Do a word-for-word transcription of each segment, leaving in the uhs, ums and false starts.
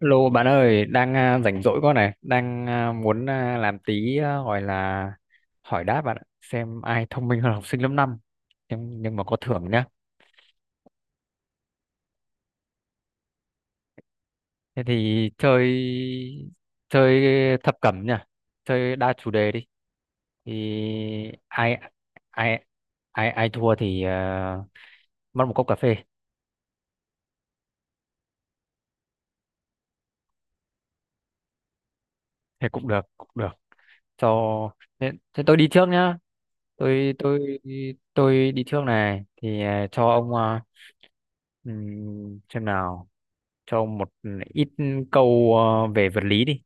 Lô bạn ơi, đang à, rảnh rỗi con này, đang à, muốn à, làm tí à, gọi là hỏi đáp bạn ạ, xem ai thông minh hơn học sinh lớp năm, nhưng, nhưng mà có thưởng nhá. Thế thì chơi chơi thập cẩm nhá, chơi đa chủ đề đi. Thì ai ai ai ai thua thì à, mất một cốc cà phê, thế cũng được, cũng được. Cho thế, thế tôi đi trước nhá. Tôi tôi tôi đi trước này thì à, cho ông à, ừm, xem nào, cho ông một ít câu à, về vật lý đi.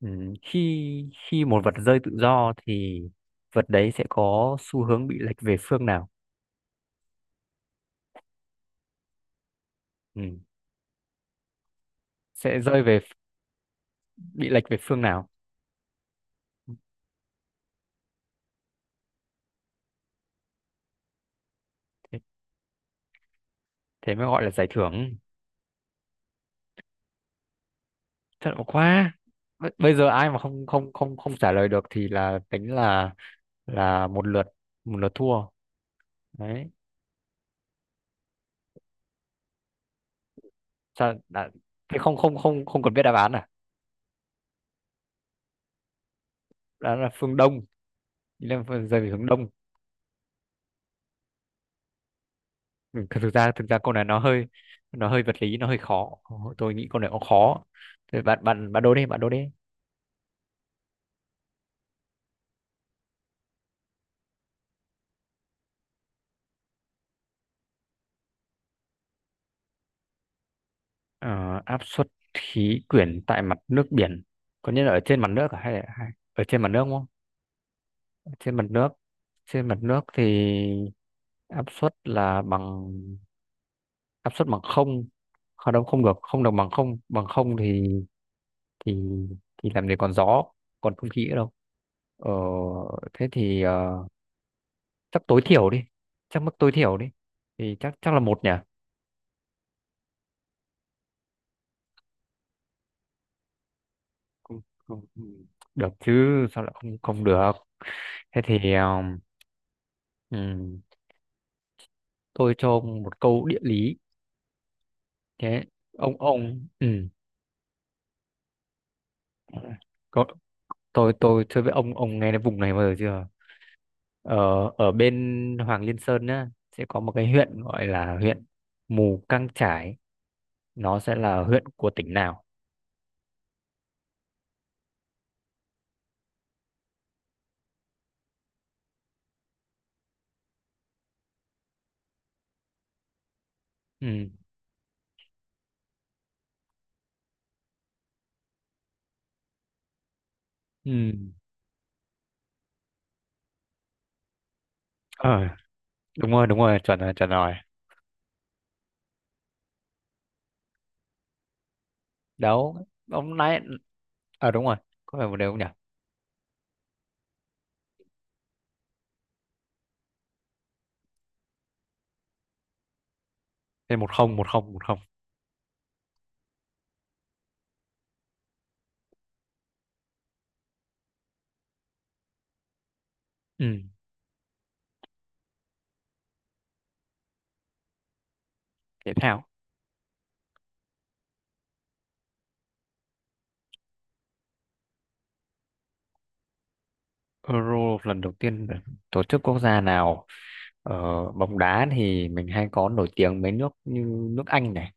Ừm, khi khi một vật rơi tự do thì vật đấy sẽ có xu hướng bị lệch về phương nào? Ừm, sẽ rơi về bị lệch về phương nào? Thế, thế mới gọi là giải thưởng. Thật ổn quá. B- Bây giờ ai mà không không không không trả lời được thì là tính là là một lượt một lượt thua. Đấy. Sao đã, thế không không không không cần biết đáp án à? Đó là phương Đông, ý là phương- rơi về hướng Đông. Ừ, thực ra thực ra câu này nó hơi nó hơi vật lý, nó hơi khó. Tôi nghĩ câu này cũng khó. Thế bạn bạn bạn đố đi, bạn đố đi. Ờ, áp suất khí quyển tại mặt nước biển. Có nghĩa là ở trên mặt nước à hay là hay- ở trên mặt nước không? trên mặt nước trên mặt nước thì áp suất là bằng, áp suất bằng không, không đâu, không được không được bằng không, bằng không thì thì thì làm gì còn gió, còn không khí nữa đâu. Ờ, thế thì ờ, chắc tối thiểu đi, chắc mức tối thiểu đi, thì chắc chắc là một nhỉ. Không- không- không được chứ, sao lại không không được? Thế thì ờm, ừm, tôi cho ông một câu địa lý, thế ông ông ừ. tôi tôi chơi với ông ông nghe đến vùng này bao giờ chưa? Ở ở bên Hoàng Liên Sơn nhá, sẽ có một cái huyện gọi là huyện Mù Căng Chải, nó sẽ là huyện của tỉnh nào? Ừ, ừ, ờ đúng rồi, đúng rồi, chuẩn rồi, chuẩn rồi. đấu ông nãy, ờ đúng rồi, có phải một đều không nhỉ? Thế một không, một không, một không. Ừ, thể thao. Euro lần đầu tiên được tổ chức quốc gia nào, ở bóng đá thì mình hay có nổi tiếng mấy nước như nước Anh này,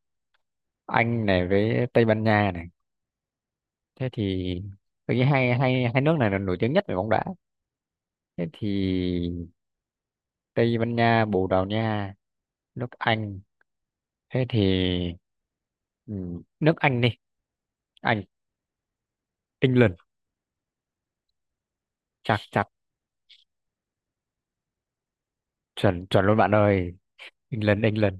Anh này với Tây Ban Nha này, thế thì tôi nghĩ hai hai hai nước này là nổi tiếng nhất về bóng đá, thế thì Tây Ban Nha, Bồ Đào Nha, nước Anh, thế thì ừ, nước Anh đi, Anh, England. Chặt chặt chuẩn, chuẩn luôn bạn ơi, England, England.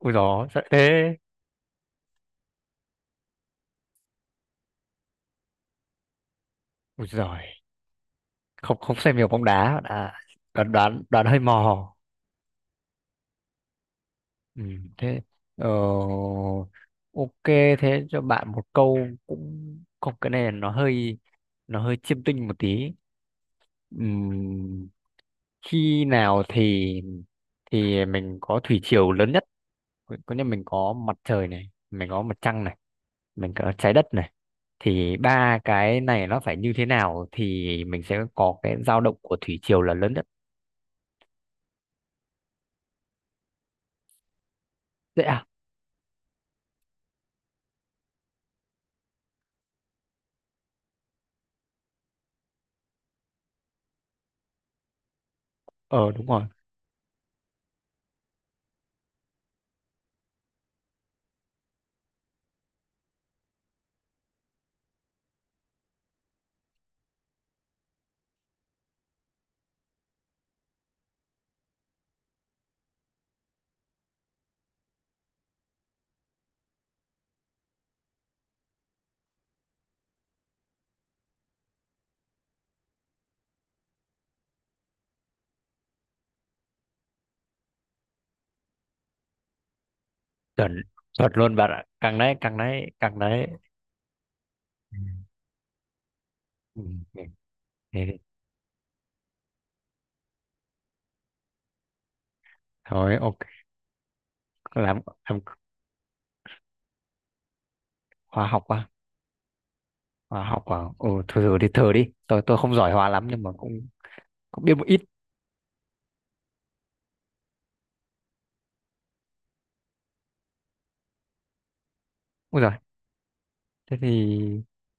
Ui gió sợ thế. Ui giời, không không xem nhiều bóng đá bạn ạ. Đoán, đoán, đoán hơi mò. Ừ, thế ờ, ok, thế cho bạn một câu, cũng không, cái này nó hơi nó hơi chiêm tinh một tí. Ừm, khi nào thì thì mình có thủy triều lớn nhất, có có nghĩa mình có mặt trời này, mình có mặt trăng này, mình có trái đất này, thì ba cái này nó phải như thế nào thì mình sẽ có cái dao động của thủy triều là lớn nhất. Dễ à? Ờ đúng rồi, chuẩn chuẩn luôn bạn ạ, càng đấy, càng đấy, càng đấy. Ừ, ừ, thế thì thôi ok, làm làm hóa học à? Hóa học à? Ừ, thử thử đi, thử đi, tôi tôi không giỏi hóa lắm nhưng mà cũng cũng biết một ít. Thế thì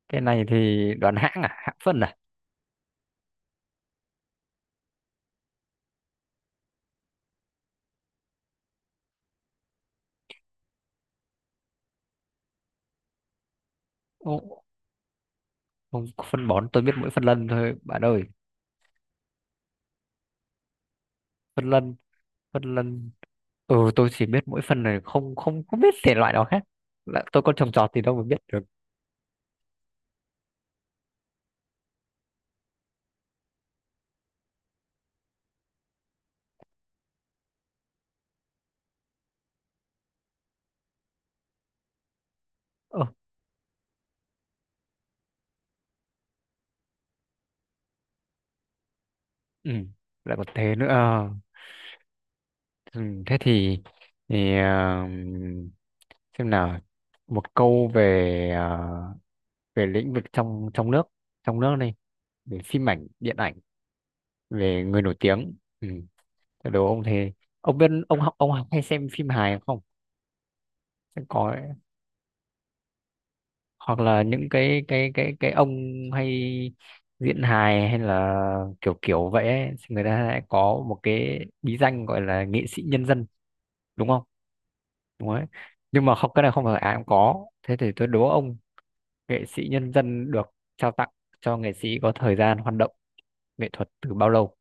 cái này thì đoán hãng à, hãng phân à? Ô, không, phân bón tôi biết mỗi phân lân thôi bạn ơi. Phân lân, phân lân, ừ, tôi chỉ biết mỗi phân này, không không không biết thể loại nào khác, là tôi có trồng trọt thì đâu mà biết được. Ờ, ừ, lại còn thế nữa. Ờ, ừ, thế thì thì ờ, xem nào, một câu về ờ, về lĩnh vực trong trong nước trong nước này, về phim ảnh, điện ảnh, về người nổi tiếng. Ừ, đồ ông thề, ông biết ông học, ông hay xem phim hài không? Sẽ có, hoặc là những cái cái cái cái ông hay diễn hài hay là kiểu kiểu vậy ấy, thì người ta lại có một cái bí danh gọi là nghệ sĩ nhân dân, đúng không? Đúng đấy, nhưng mà không, cái này không phải ai cũng có, thế thì tôi đố ông, nghệ sĩ nhân dân được trao tặng cho nghệ sĩ có thời gian hoạt động nghệ thuật từ bao lâu?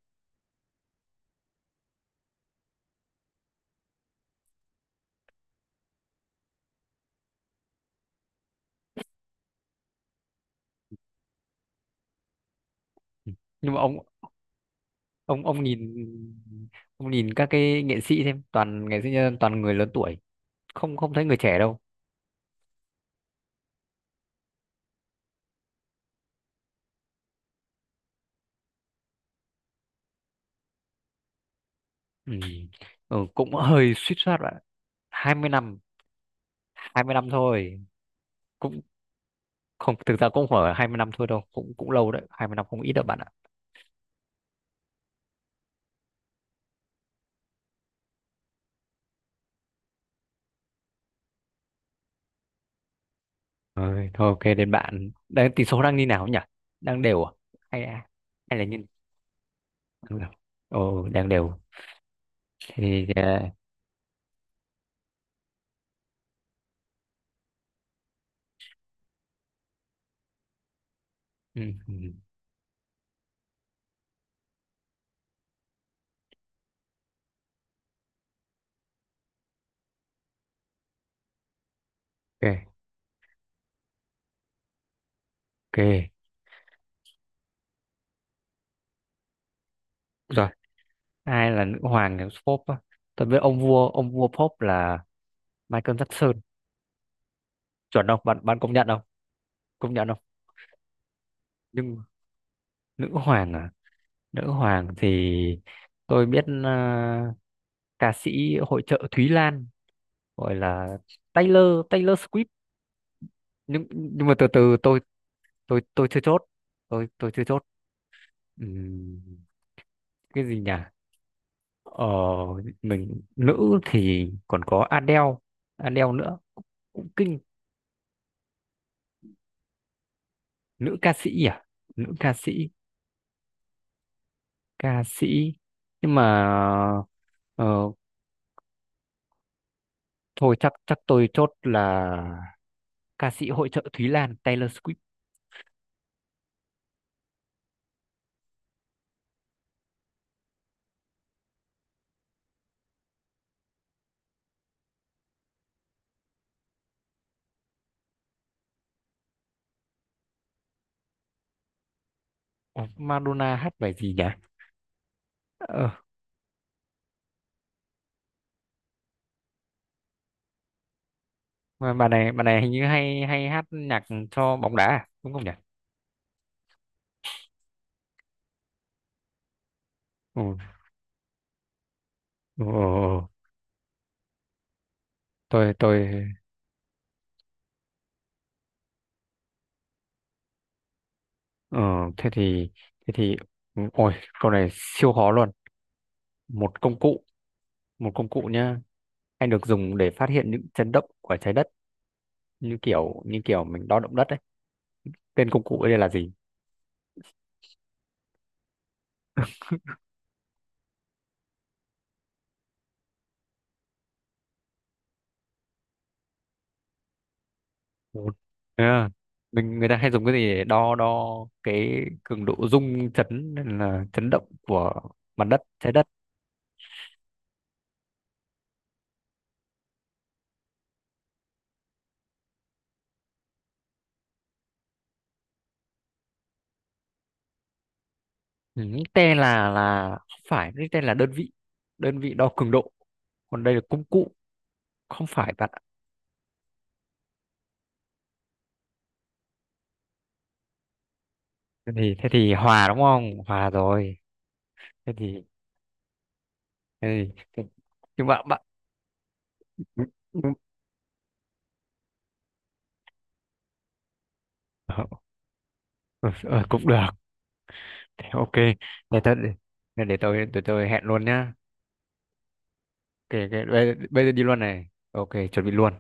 Ừ, nhưng mà ông ông ông nhìn ông nhìn các cái nghệ sĩ xem, toàn nghệ sĩ nhân dân toàn người lớn tuổi, không không thấy người trẻ đâu. Ừ, ừ, cũng hơi suýt soát bạn, hai mươi năm hai mươi năm thôi. Cũng không, thực ra cũng không phải hai mươi năm thôi đâu, cũng cũng lâu đấy, hai mươi năm không ít đâu bạn ạ. Rồi, thôi ok, đến bạn, đang tỷ số đang như nào nhỉ, đang đều à hay à? Hay là như đang đều. Ồ đang đều. Thế thì ờ, ừ, ừ, ok, ok rồi, ai là nữ hoàng của pop á? Tôi biết ông vua ông vua pop là Michael Jackson, chuẩn không bạn, bạn công nhận không, công nhận không? Nhưng nữ hoàng à? Nữ hoàng thì tôi biết ờ, ca sĩ hội chợ Thúy Lan gọi là Taylor Taylor Swift. Nhưng nhưng mà từ từ, tôi tôi tôi chưa chốt, tôi tôi chưa chốt. Ừm, cái gì nhỉ, ờ, mình nữ thì còn có Adele Adele nữa, cũng kinh. Nữ ca sĩ à nữ ca sĩ ca sĩ, nhưng mà ờ, thôi chắc chắc tôi chốt là ca sĩ hội chợ Thúy Lan, Taylor Swift. Ủa, Madonna hát bài gì nhỉ? Ờ, mà bà này bà này hình như hay hay hát nhạc cho bóng đá à? Đúng không nhỉ? Ừ, ừ, ừ, ừ. tôi tôi ờ, thế thì thế thì ừ, ôi câu này siêu khó luôn. Một công cụ, một công cụ nhá, anh được dùng để phát hiện những chấn động của trái đất, như kiểu, như kiểu mình đo động đất ấy. Tên công cụ ấy đây là gì? Một. Yeah. Mình, người ta hay dùng cái gì để đo đo cái cường độ rung chấn hay là chấn động của mặt đất, trái đất? Ừ, T là là không phải, cái tên là đơn vị đơn vị đo cường độ, còn đây là công cụ, không phải bạn ạ. thế thì thế thì hòa đúng không, hòa rồi. thế thì, thế thì thế- nhưng mà bạn, ờ, ờ, ờ, cũng được. Thế ok, để tôi để, để tôi để tôi hẹn luôn nhá. Ok, ok. Bây, bây giờ đi luôn này, ok chuẩn bị luôn.